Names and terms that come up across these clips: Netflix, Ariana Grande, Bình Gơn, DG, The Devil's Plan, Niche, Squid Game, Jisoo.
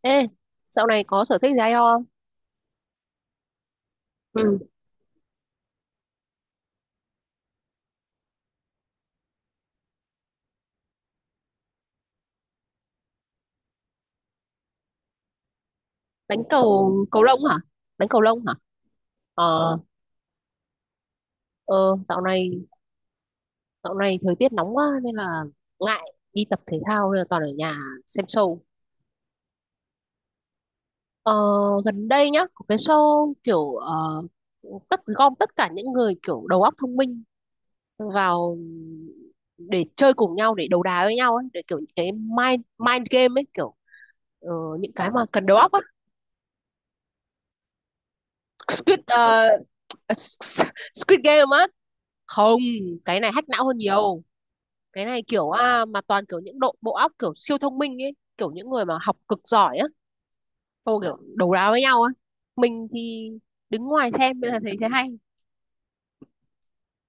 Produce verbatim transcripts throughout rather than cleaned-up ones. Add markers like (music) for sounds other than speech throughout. Ê, dạo này có sở thích gì hay không? Ừ. Đánh cầu cầu lông hả? Đánh cầu lông hả? Ờ, ờ dạo này dạo này thời tiết nóng quá nên là ngại đi tập thể thao nên là toàn ở nhà xem show. Ờ, Gần đây nhá, có cái show kiểu ờ, tất gom tất cả những người kiểu đầu óc thông minh vào để chơi cùng nhau để đấu đá với nhau ấy, để kiểu những cái mind mind game ấy kiểu ờ, những cái mà cần đầu óc á. Squid ờ, (laughs) Squid Game á, không, cái này hack não hơn Ờ, nhiều. Cái này kiểu à, mà toàn kiểu những độ bộ óc kiểu siêu thông minh ấy, kiểu những người mà học cực giỏi á. Xong kiểu đấu đá với nhau á, mình thì đứng ngoài xem nên là thấy thế hay.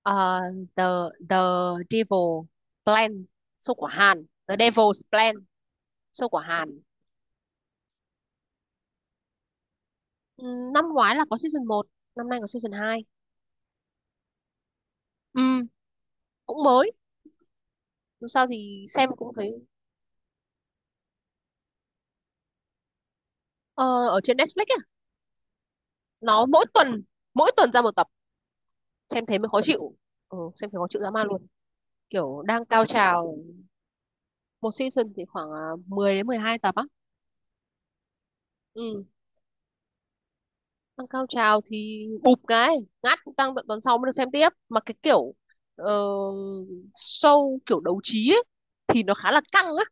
Ờ, The the Devil Plan, show của Hàn. The Devil's Plan, show của Hàn. Ừ, năm ngoái là có season một, năm nay có season hai. Ừ, cũng mới. Dù sao thì xem cũng thấy ờ, ở trên Netflix á, nó mỗi tuần, mỗi tuần ra một tập, xem thế mới khó chịu. Ừ, xem thế khó chịu dã man luôn, kiểu đang cao trào. Một season thì khoảng à, mười đến mười hai tập á. Ừ. Đang cao trào thì bụp cái ngắt tăng tận tuần sau mới được xem tiếp, mà cái kiểu ờ, show kiểu đấu trí ấy, thì nó khá là căng á,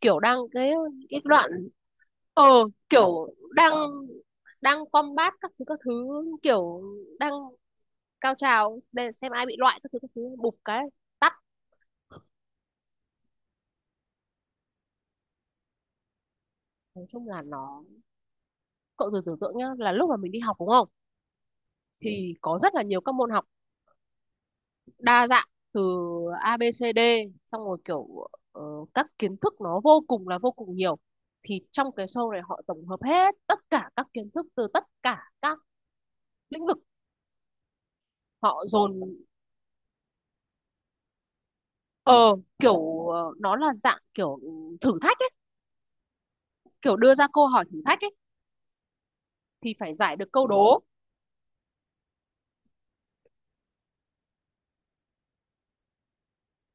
kiểu đang cái cái đoạn ờ kiểu đang đang combat các thứ các thứ, kiểu đang cao trào để xem ai bị loại các thứ các thứ, bụp cái tắt. Nói chung là nó, cậu thử tưởng tượng nhá là lúc mà mình đi học đúng không, thì có rất là nhiều các môn học đa dạng từ A B C D, xong rồi kiểu ờ, các kiến thức nó vô cùng là vô cùng nhiều, thì trong cái show này họ tổng hợp hết tất cả các kiến thức từ tất cả các lĩnh vực, họ dồn. Ờ kiểu ờ, nó là dạng kiểu thử thách ấy, kiểu đưa ra câu hỏi thử thách ấy, thì phải giải được câu đố.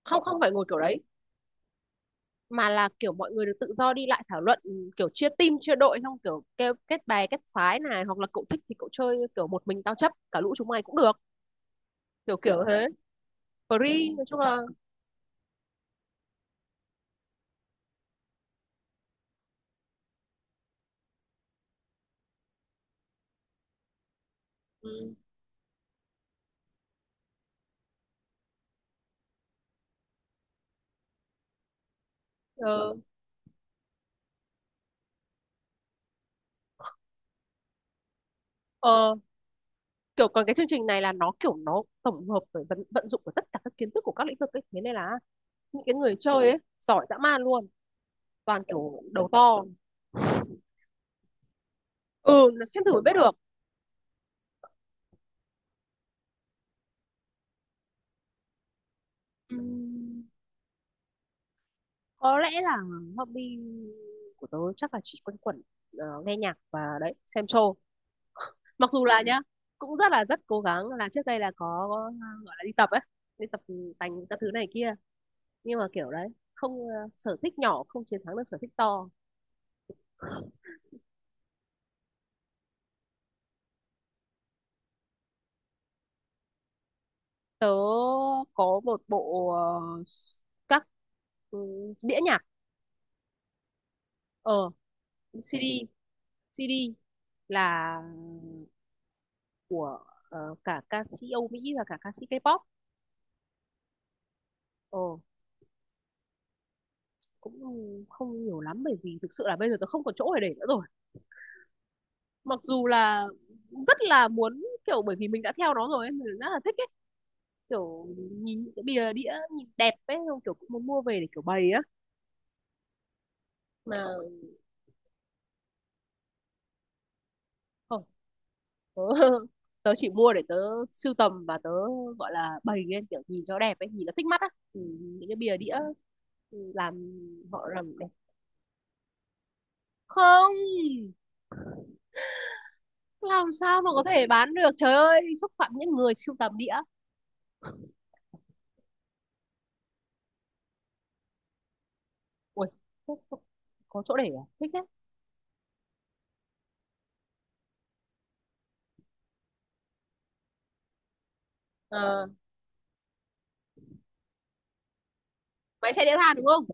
Không, không phải ngồi kiểu đấy, mà là kiểu mọi người được tự do đi lại thảo luận. Ừ, kiểu chia team chia đội xong kiểu kêu kết bè kết phái này, hoặc là cậu thích thì cậu chơi kiểu một mình tao chấp cả lũ chúng mày cũng được, kiểu kiểu thế, free nói chung là. Ừ, ờ, ờ, kiểu còn cái chương trình này là nó kiểu nó tổng hợp với vận, vận dụng của tất cả các kiến thức của các lĩnh vực ấy, thế nên là những cái người chơi ấy giỏi dã man luôn, toàn kiểu đầu to. Ừ, nó xem thử mới biết được. Ừm, có lẽ là hobby của tớ chắc là chỉ quanh quẩn ờ, nghe nhạc và đấy xem show. Mặc dù là nhá, cũng rất là rất cố gắng là trước đây là có uh, gọi là đi tập ấy, đi tập tành các thứ này kia, nhưng mà kiểu đấy không ờ, sở thích nhỏ không chiến thắng được sở thích to. Tớ có một bộ ờ, các ừ, đĩa nhạc. ờ si di. si di là của ờ, cả ca sĩ Âu Mỹ và cả ca sĩ k póp. Ờ, cũng không nhiều lắm bởi vì thực sự là bây giờ tớ không còn chỗ để để nữa rồi. Mặc dù là rất là muốn, kiểu bởi vì mình đã theo nó rồi ấy, mình rất là thích ấy kiểu nhìn những cái bìa đĩa nhìn đẹp ấy không kiểu cũng muốn mua về để kiểu bày á mà. Không, tớ, (laughs) tớ chỉ mua để tớ sưu tầm và tớ gọi là bày lên kiểu nhìn cho đẹp ấy, nhìn nó thích mắt á. Ừ, những cái bìa đĩa làm, họ làm đẹp. Không, làm sao mà có thể bán được, trời ơi xúc phạm những người sưu tầm đĩa. Ui, có có chỗ để à, thích thế. Ờ, máy chạy đĩa than đúng không?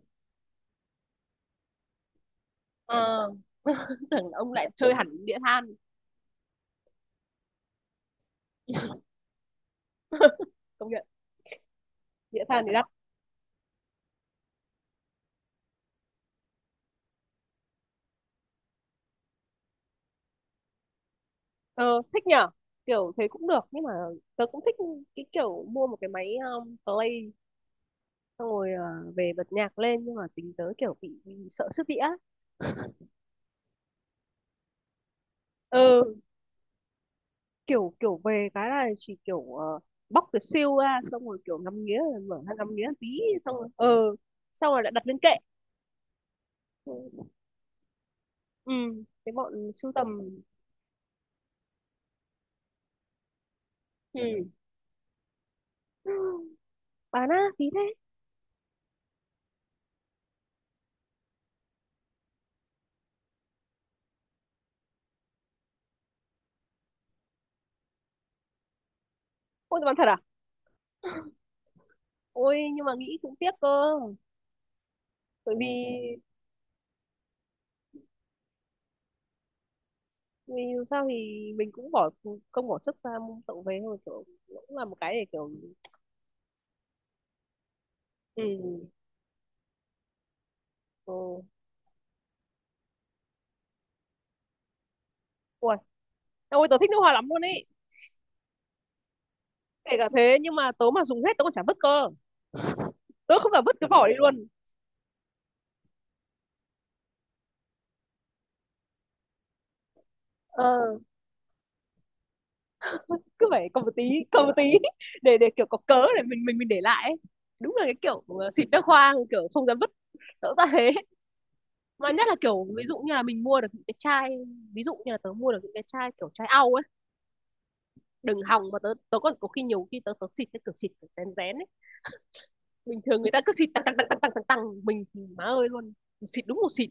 Ờ. (laughs) Tưởng ông lại chơi hẳn đĩa than. (laughs) Công nhận, đĩa than thì đắt. Ờ, thích nhở? Kiểu thế cũng được, nhưng mà tớ cũng thích cái kiểu mua một cái máy um, play, xong rồi ờ, về bật nhạc lên, nhưng mà tính tớ kiểu bị, bị sợ sức đĩa. Ừ, kiểu kiểu về cái là chỉ kiểu ờ, bóc cái siêu ra xong rồi kiểu ngắm nghía rồi mở ra ngắm nghía tí, xong rồi ừ, xong rồi lại đặt lên kệ. Ừ, cái bọn sưu tầm. Ừ, bán á, phí thế. Ôi, bán thật à? Ôi, nhưng mà nghĩ cũng tiếc cơ, bởi vì vì dù sao thì mình cũng bỏ công bỏ sức ra mua tậu về thôi, kiểu cũng là một cái để kiểu. Ừ. Ừ. Ôi, ôi tớ thích nước hoa lắm luôn ấy, kể cả thế nhưng mà tớ mà dùng hết tớ còn chả vứt cơ, tớ không phải vứt cái vỏ đi luôn. Ờ, cứ phải cầm một tí, cầm một tí (laughs) để để kiểu có cớ để mình mình mình để lại ấy. Đúng là cái kiểu ờ, xịt nước hoa kiểu không dám vứt, tớ ra thế. Mà nhất là kiểu ví dụ như là mình mua được những cái chai, ví dụ như là tớ mua được những cái chai kiểu chai au ấy, đừng hòng mà tớ tớ còn có khi nhiều khi tớ tớ xịt cái cửa xịt kiểu rén rén ấy. Bình thường người ta cứ xịt tăng tăng tăng tăng tăng tăng tăng, mình thì má ơi luôn, xịt đúng một xịt.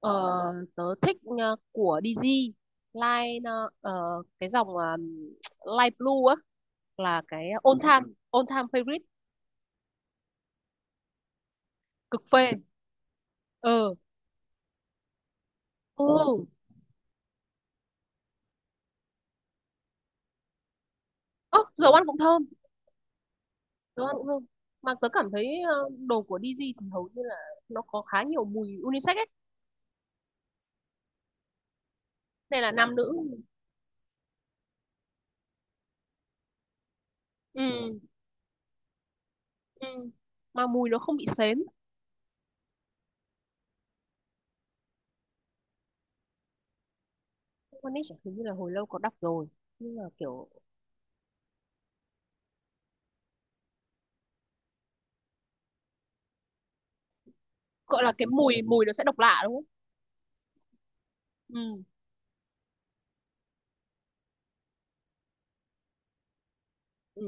Ờ, tớ thích ờ, của đê giê, line ờ, ờ, cái dòng uh, Light Blue á, là cái all time all time favorite, cực phê. Ờ. Ừ. Ơ, dầu ăn cũng thơm. dầu ăn cũng thơm mà tớ cảm thấy ờ, đồ của đê giê thì hầu như là nó có khá nhiều mùi unisex ấy nên là nam nữ. Ừ. Ừ. Mà mùi nó không bị sến. One Niche hình như là hồi lâu có đọc rồi, nhưng mà kiểu gọi là cái mùi mùi nó sẽ độc lạ đúng không? Ừ. Ừ.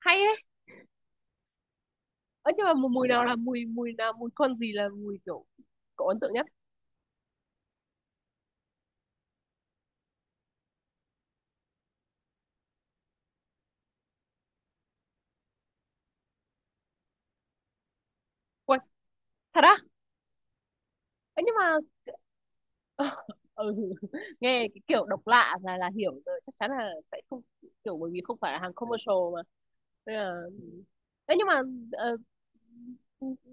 Hay đấy, ấy nhưng mà mùi mùi nào là mùi mùi nào mùi con gì là mùi kiểu cậu ấn tượng nhất? Quên, thật á? Ấy nhưng mà (laughs) ừ. Nghe cái kiểu độc lạ là là hiểu rồi, chắc chắn là sẽ không, kiểu bởi vì không phải là hàng commercial mà. Nên là... Ê, nhưng mà ờ,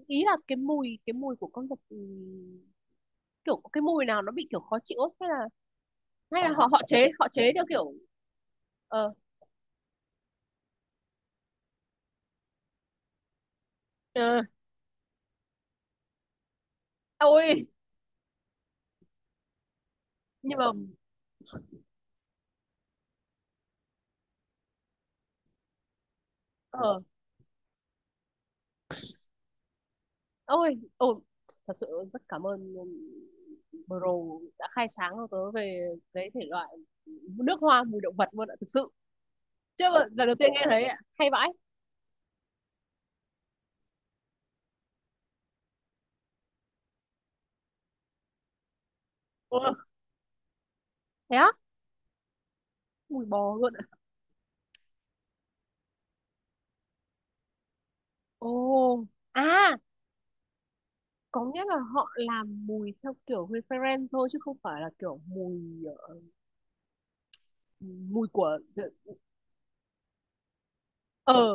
ý là cái mùi, cái mùi của con vật, ừ, kiểu cái mùi nào nó bị kiểu khó chịu ấy, hay là hay là Ờ. họ họ chế họ chế theo kiểu ờ ờ, ôi nhưng mà ờ ôi ồ, thật sự rất cảm ơn bro đã khai sáng cho tớ về cái thể loại nước hoa mùi động vật luôn ạ, thực sự chưa bao- lần đầu tiên nghe thấy ạ, hay vãi. Ờ, thế á, mùi bò luôn ạ. Ồ, à, có nghĩa là họ làm mùi theo kiểu reference thôi chứ không phải là kiểu mùi ờ, mùi của ờ.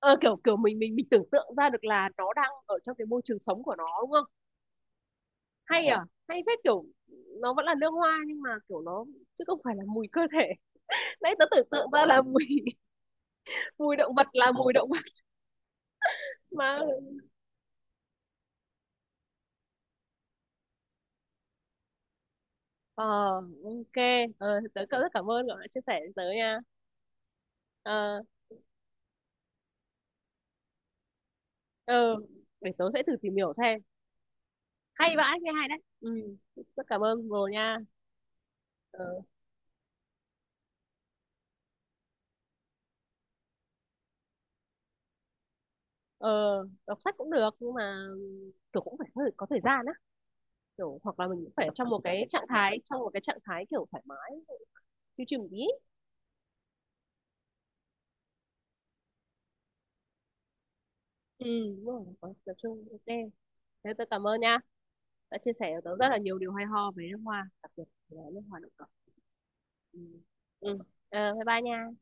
Ờ, kiểu kiểu mình mình mình tưởng tượng ra được là nó đang ở trong cái môi trường sống của nó đúng không? Hay Ờ, à, hay phết kiểu nó vẫn là lương hoa, nhưng mà kiểu nó chứ không phải là mùi cơ thể. (laughs) Nãy tớ tưởng tượng ra là mùi (laughs) mùi động vật là mùi động vật mà. Ờ, ok. Ờ, tớ cảm- rất cảm ơn cậu đã chia sẻ với tớ nha. Ờ, ờ, để tớ sẽ thử tìm hiểu xem. Hay vãi, nghe hay đấy. Ừ, rất cảm ơn Ngô nha. Ờ, ờ, đọc sách cũng được nhưng mà kiểu cũng phải có thời có thời gian đấy, kiểu hoặc là mình cũng phải trong một cái trạng thái trong một cái trạng thái kiểu thoải mái, chill chill một tí. Ừ, đúng rồi, có tập trung, ok. Thế tôi cảm ơn nha, đã chia sẻ cho tớ rất là nhiều điều hay ho về nước hoa, đặc biệt là nước hoa động cỏ. Ừ, ừ. Ờ, bye bye nha.